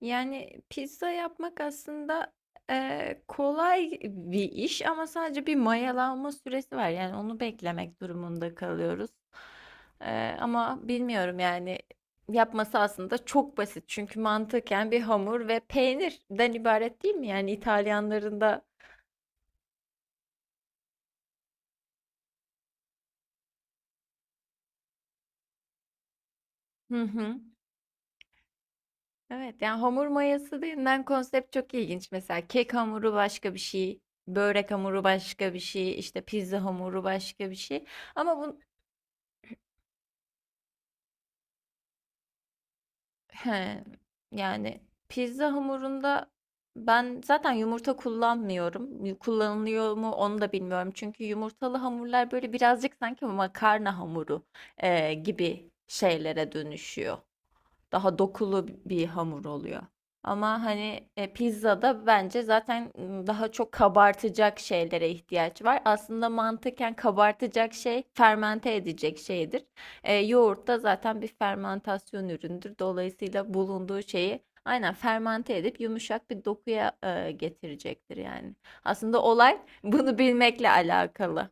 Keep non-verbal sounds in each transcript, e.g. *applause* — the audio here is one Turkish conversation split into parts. Yani pizza yapmak aslında, kolay bir iş ama sadece bir mayalanma süresi var. Yani onu beklemek durumunda kalıyoruz. Ama bilmiyorum yani yapması aslında çok basit. Çünkü mantıken bir hamur ve peynirden ibaret değil mi? Yani İtalyanların da... Hı hı. Evet yani hamur mayası denilen konsept çok ilginç. Mesela kek hamuru başka bir şey, börek hamuru başka bir şey, işte pizza hamuru başka bir şey. Ama bu, He, yani pizza hamurunda ben zaten yumurta kullanmıyorum. Kullanılıyor mu onu da bilmiyorum. Çünkü yumurtalı hamurlar böyle birazcık sanki makarna hamuru gibi şeylere dönüşüyor, daha dokulu bir hamur oluyor. Ama hani pizzada bence zaten daha çok kabartacak şeylere ihtiyaç var. Aslında mantıken kabartacak şey fermente edecek şeydir. Yoğurt da zaten bir fermentasyon üründür. Dolayısıyla bulunduğu şeyi aynen fermente edip yumuşak bir dokuya getirecektir yani. Aslında olay *laughs* bunu bilmekle alakalı.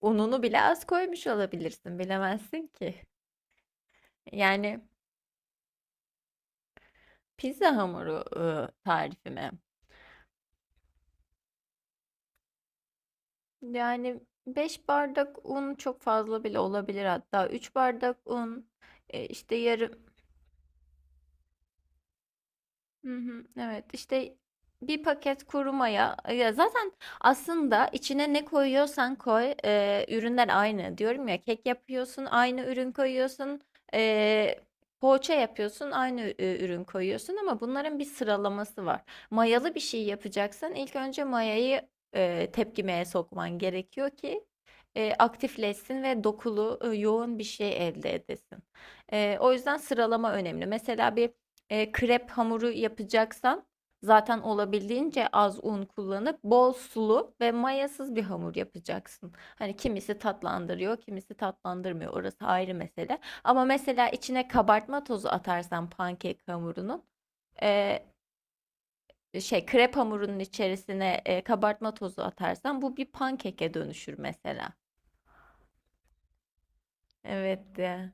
Ununu bile az koymuş olabilirsin, bilemezsin ki. Yani pizza hamuru, tarifi mi? Yani 5 bardak un çok fazla bile olabilir hatta. 3 bardak un, işte yarım. Hı hı, evet işte bir paket kuru maya, ya zaten aslında içine ne koyuyorsan koy, ürünler aynı diyorum ya, kek yapıyorsun aynı ürün koyuyorsun, e, poğaça yapıyorsun aynı ürün koyuyorsun, ama bunların bir sıralaması var. Mayalı bir şey yapacaksan ilk önce mayayı tepkimeye sokman gerekiyor ki aktifleşsin ve dokulu, yoğun bir şey elde edesin. O yüzden sıralama önemli. Mesela bir krep hamuru yapacaksan zaten olabildiğince az un kullanıp bol sulu ve mayasız bir hamur yapacaksın. Hani kimisi tatlandırıyor, kimisi tatlandırmıyor. Orası ayrı mesele. Ama mesela içine kabartma tozu atarsan pankek hamurunun, e, krep hamurunun içerisine kabartma tozu atarsan bu bir pankeke dönüşür mesela. Evet de.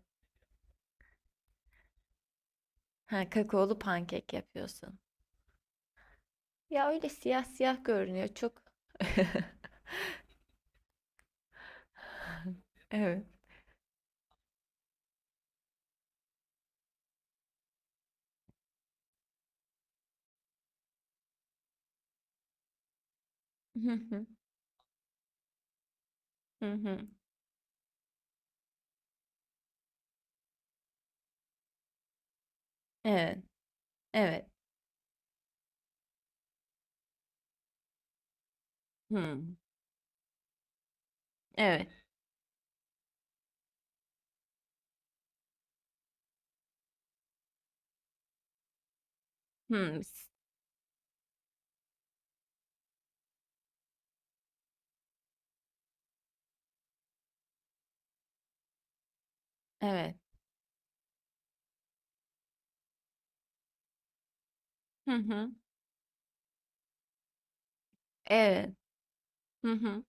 Ha, kakaolu pankek yapıyorsun. Ya öyle siyah siyah görünüyor çok. *laughs* Evet. Hı hı. Hı hı. Evet. Evet. Hı. Evet. Hı. Evet. Hı hı. Evet. Hı hı.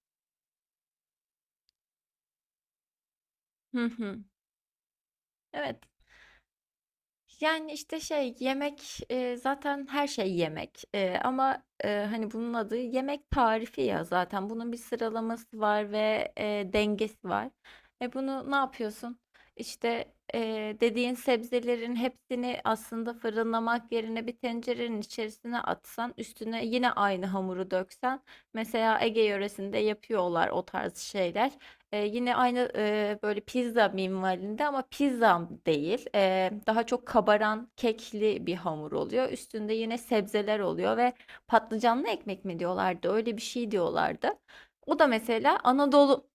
Hı hı. Evet. Yani, işte, şey, yemek, zaten her şey yemek, ama, hani, bunun adı yemek tarifi ya zaten. Bunun bir sıralaması var ve, dengesi var. Bunu ne yapıyorsun? İşte, dediğin sebzelerin hepsini aslında fırınlamak yerine bir tencerenin içerisine atsan, üstüne yine aynı hamuru döksen, mesela Ege yöresinde yapıyorlar o tarz şeyler. Yine aynı, böyle pizza minvalinde ama pizza değil. Daha çok kabaran kekli bir hamur oluyor. Üstünde yine sebzeler oluyor ve patlıcanlı ekmek mi diyorlardı? Öyle bir şey diyorlardı. O da mesela Anadolu...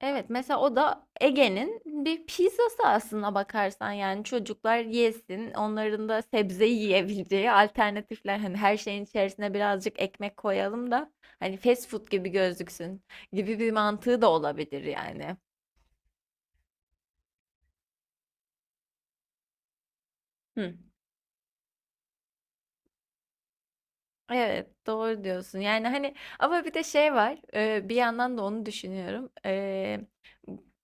Evet, mesela o da Ege'nin bir pizzası aslında bakarsan, yani çocuklar yesin, onların da sebze yiyebileceği alternatifler, hani her şeyin içerisine birazcık ekmek koyalım da hani fast food gibi gözüksün gibi bir mantığı da olabilir yani. Hı. Evet, doğru diyorsun yani, hani ama bir de şey var, bir yandan da onu düşünüyorum.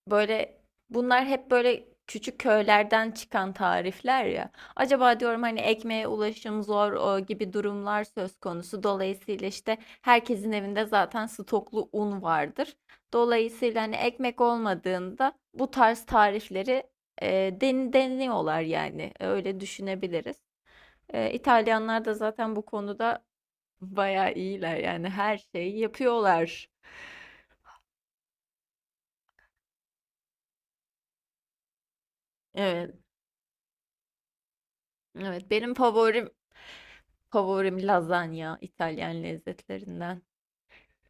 Böyle, bunlar hep böyle küçük köylerden çıkan tarifler ya. Acaba diyorum, hani ekmeğe ulaşım zor, o gibi durumlar söz konusu. Dolayısıyla işte herkesin evinde zaten stoklu un vardır. Dolayısıyla hani ekmek olmadığında bu tarz tarifleri deniyorlar yani. Öyle düşünebiliriz. İtalyanlar da zaten bu konuda bayağı iyiler yani, her şeyi yapıyorlar. Evet. Evet, benim favorim favorim lazanya İtalyan lezzetlerinden.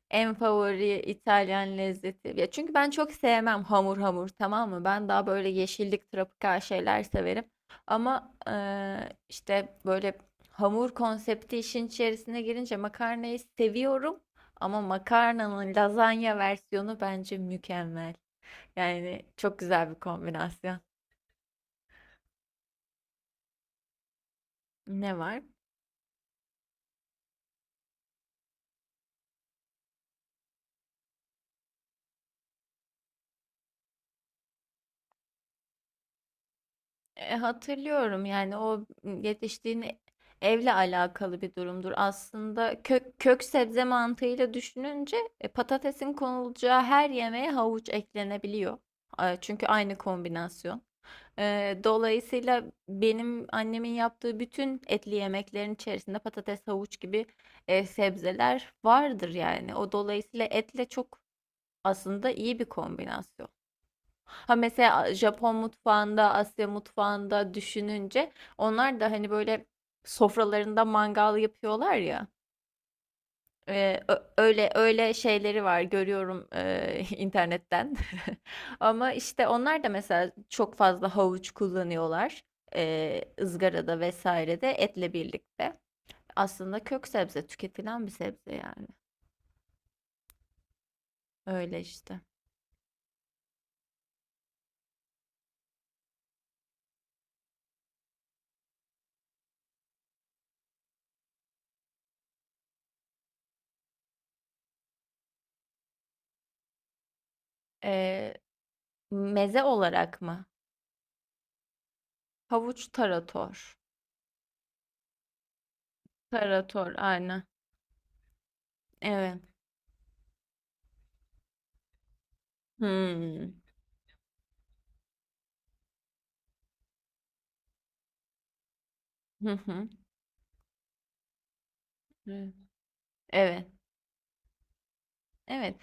En favori İtalyan lezzeti. Ya çünkü ben çok sevmem hamur hamur, tamam mı? Ben daha böyle yeşillik, tropikal şeyler severim. Ama işte böyle hamur konsepti işin içerisine girince makarnayı seviyorum. Ama makarnanın lazanya versiyonu bence mükemmel. Yani çok güzel bir kombinasyon. Ne var? Hatırlıyorum yani, o yetiştiğin evle alakalı bir durumdur. Aslında kök sebze mantığıyla düşününce patatesin konulacağı her yemeğe havuç eklenebiliyor. Çünkü aynı kombinasyon. E, Dolayısıyla benim annemin yaptığı bütün etli yemeklerin içerisinde patates, havuç gibi sebzeler vardır yani. O dolayısıyla etle çok aslında iyi bir kombinasyon. Ha, mesela Japon mutfağında, Asya mutfağında düşününce onlar da hani böyle sofralarında mangal yapıyorlar ya. Öyle öyle şeyleri var, görüyorum *laughs* internetten. *laughs* Ama işte onlar da mesela çok fazla havuç kullanıyorlar, ızgarada vesairede etle birlikte. Aslında kök sebze tüketilen bir sebze yani. Öyle işte. Ee, Meze olarak mı? Havuç tarator. Tarator aynen. Evet. Hımm. Hı hı. Evet. Evet. Evet,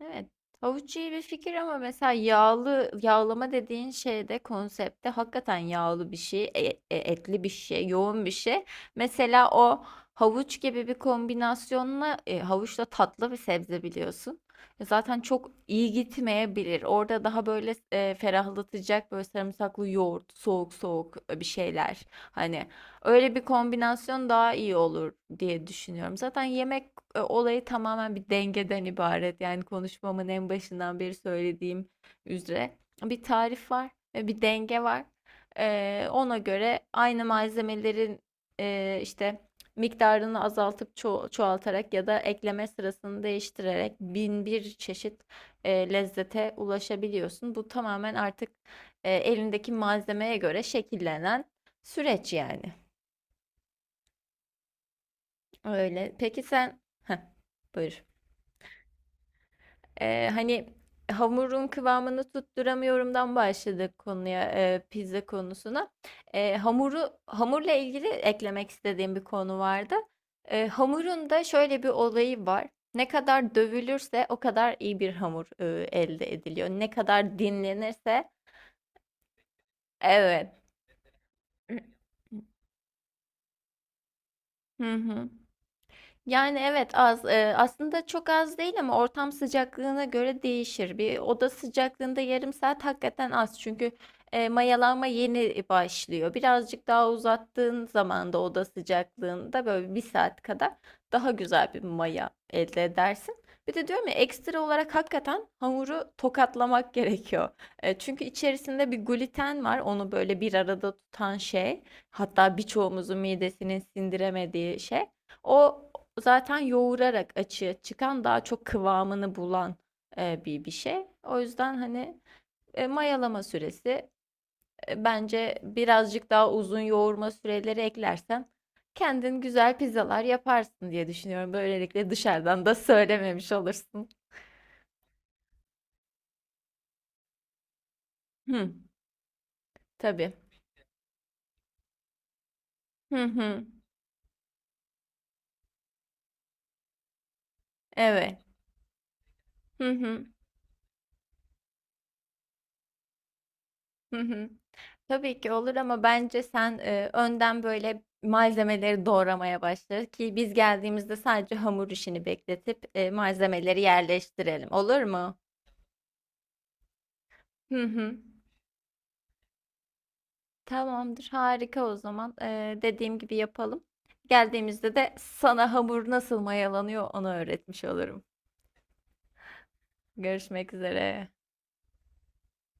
evet. Havuç iyi bir fikir ama mesela yağlı, yağlama dediğin şeyde konsepte hakikaten yağlı bir şey, etli bir şey, yoğun bir şey. Mesela o havuç gibi bir kombinasyonla, havuçla tatlı bir sebze biliyorsun. Zaten çok iyi gitmeyebilir. Orada daha böyle ferahlatacak böyle sarımsaklı yoğurt, soğuk soğuk bir şeyler. Hani öyle bir kombinasyon daha iyi olur diye düşünüyorum. Zaten yemek olayı tamamen bir dengeden ibaret. Yani konuşmamın en başından beri söylediğim üzere, bir tarif var ve bir denge var. Ona göre aynı malzemelerin işte miktarını azaltıp çoğaltarak ya da ekleme sırasını değiştirerek bin bir çeşit lezzete ulaşabiliyorsun. Bu tamamen artık elindeki malzemeye göre şekillenen süreç yani. Öyle. Peki sen... Heh, buyur. Hani hamurun kıvamını tutturamıyorumdan başladık konuya, pizza konusuna. Hamuru Hamurla ilgili eklemek istediğim bir konu vardı. Hamurun da şöyle bir olayı var. Ne kadar dövülürse o kadar iyi bir hamur, elde ediliyor. Ne kadar dinlenirse... Evet. *clears throat* Hı hı. Yani evet, az, aslında çok az değil ama ortam sıcaklığına göre değişir. Bir oda sıcaklığında yarım saat hakikaten az, çünkü mayalanma yeni başlıyor. Birazcık daha uzattığın zaman da oda sıcaklığında böyle bir saat kadar daha güzel bir maya elde edersin. Bir de diyorum ya, ekstra olarak hakikaten hamuru tokatlamak gerekiyor. Çünkü içerisinde bir gluten var, onu böyle bir arada tutan şey. Hatta birçoğumuzun midesinin sindiremediği şey. O zaten yoğurarak açığa çıkan, daha çok kıvamını bulan bir şey. O yüzden hani mayalama süresi, bence birazcık daha uzun yoğurma süreleri eklersen kendin güzel pizzalar yaparsın diye düşünüyorum. Böylelikle dışarıdan da söylememiş olursun. Hı, tabii. Hı hı. Evet. Hı hı. Hı hı. Tabii ki olur ama bence sen önden böyle malzemeleri doğramaya başla ki biz geldiğimizde sadece hamur işini bekletip malzemeleri yerleştirelim. Olur mu? Hı hı. Tamamdır, harika o zaman. Dediğim gibi yapalım. Geldiğimizde de sana hamur nasıl mayalanıyor, onu öğretmiş olurum. Görüşmek üzere.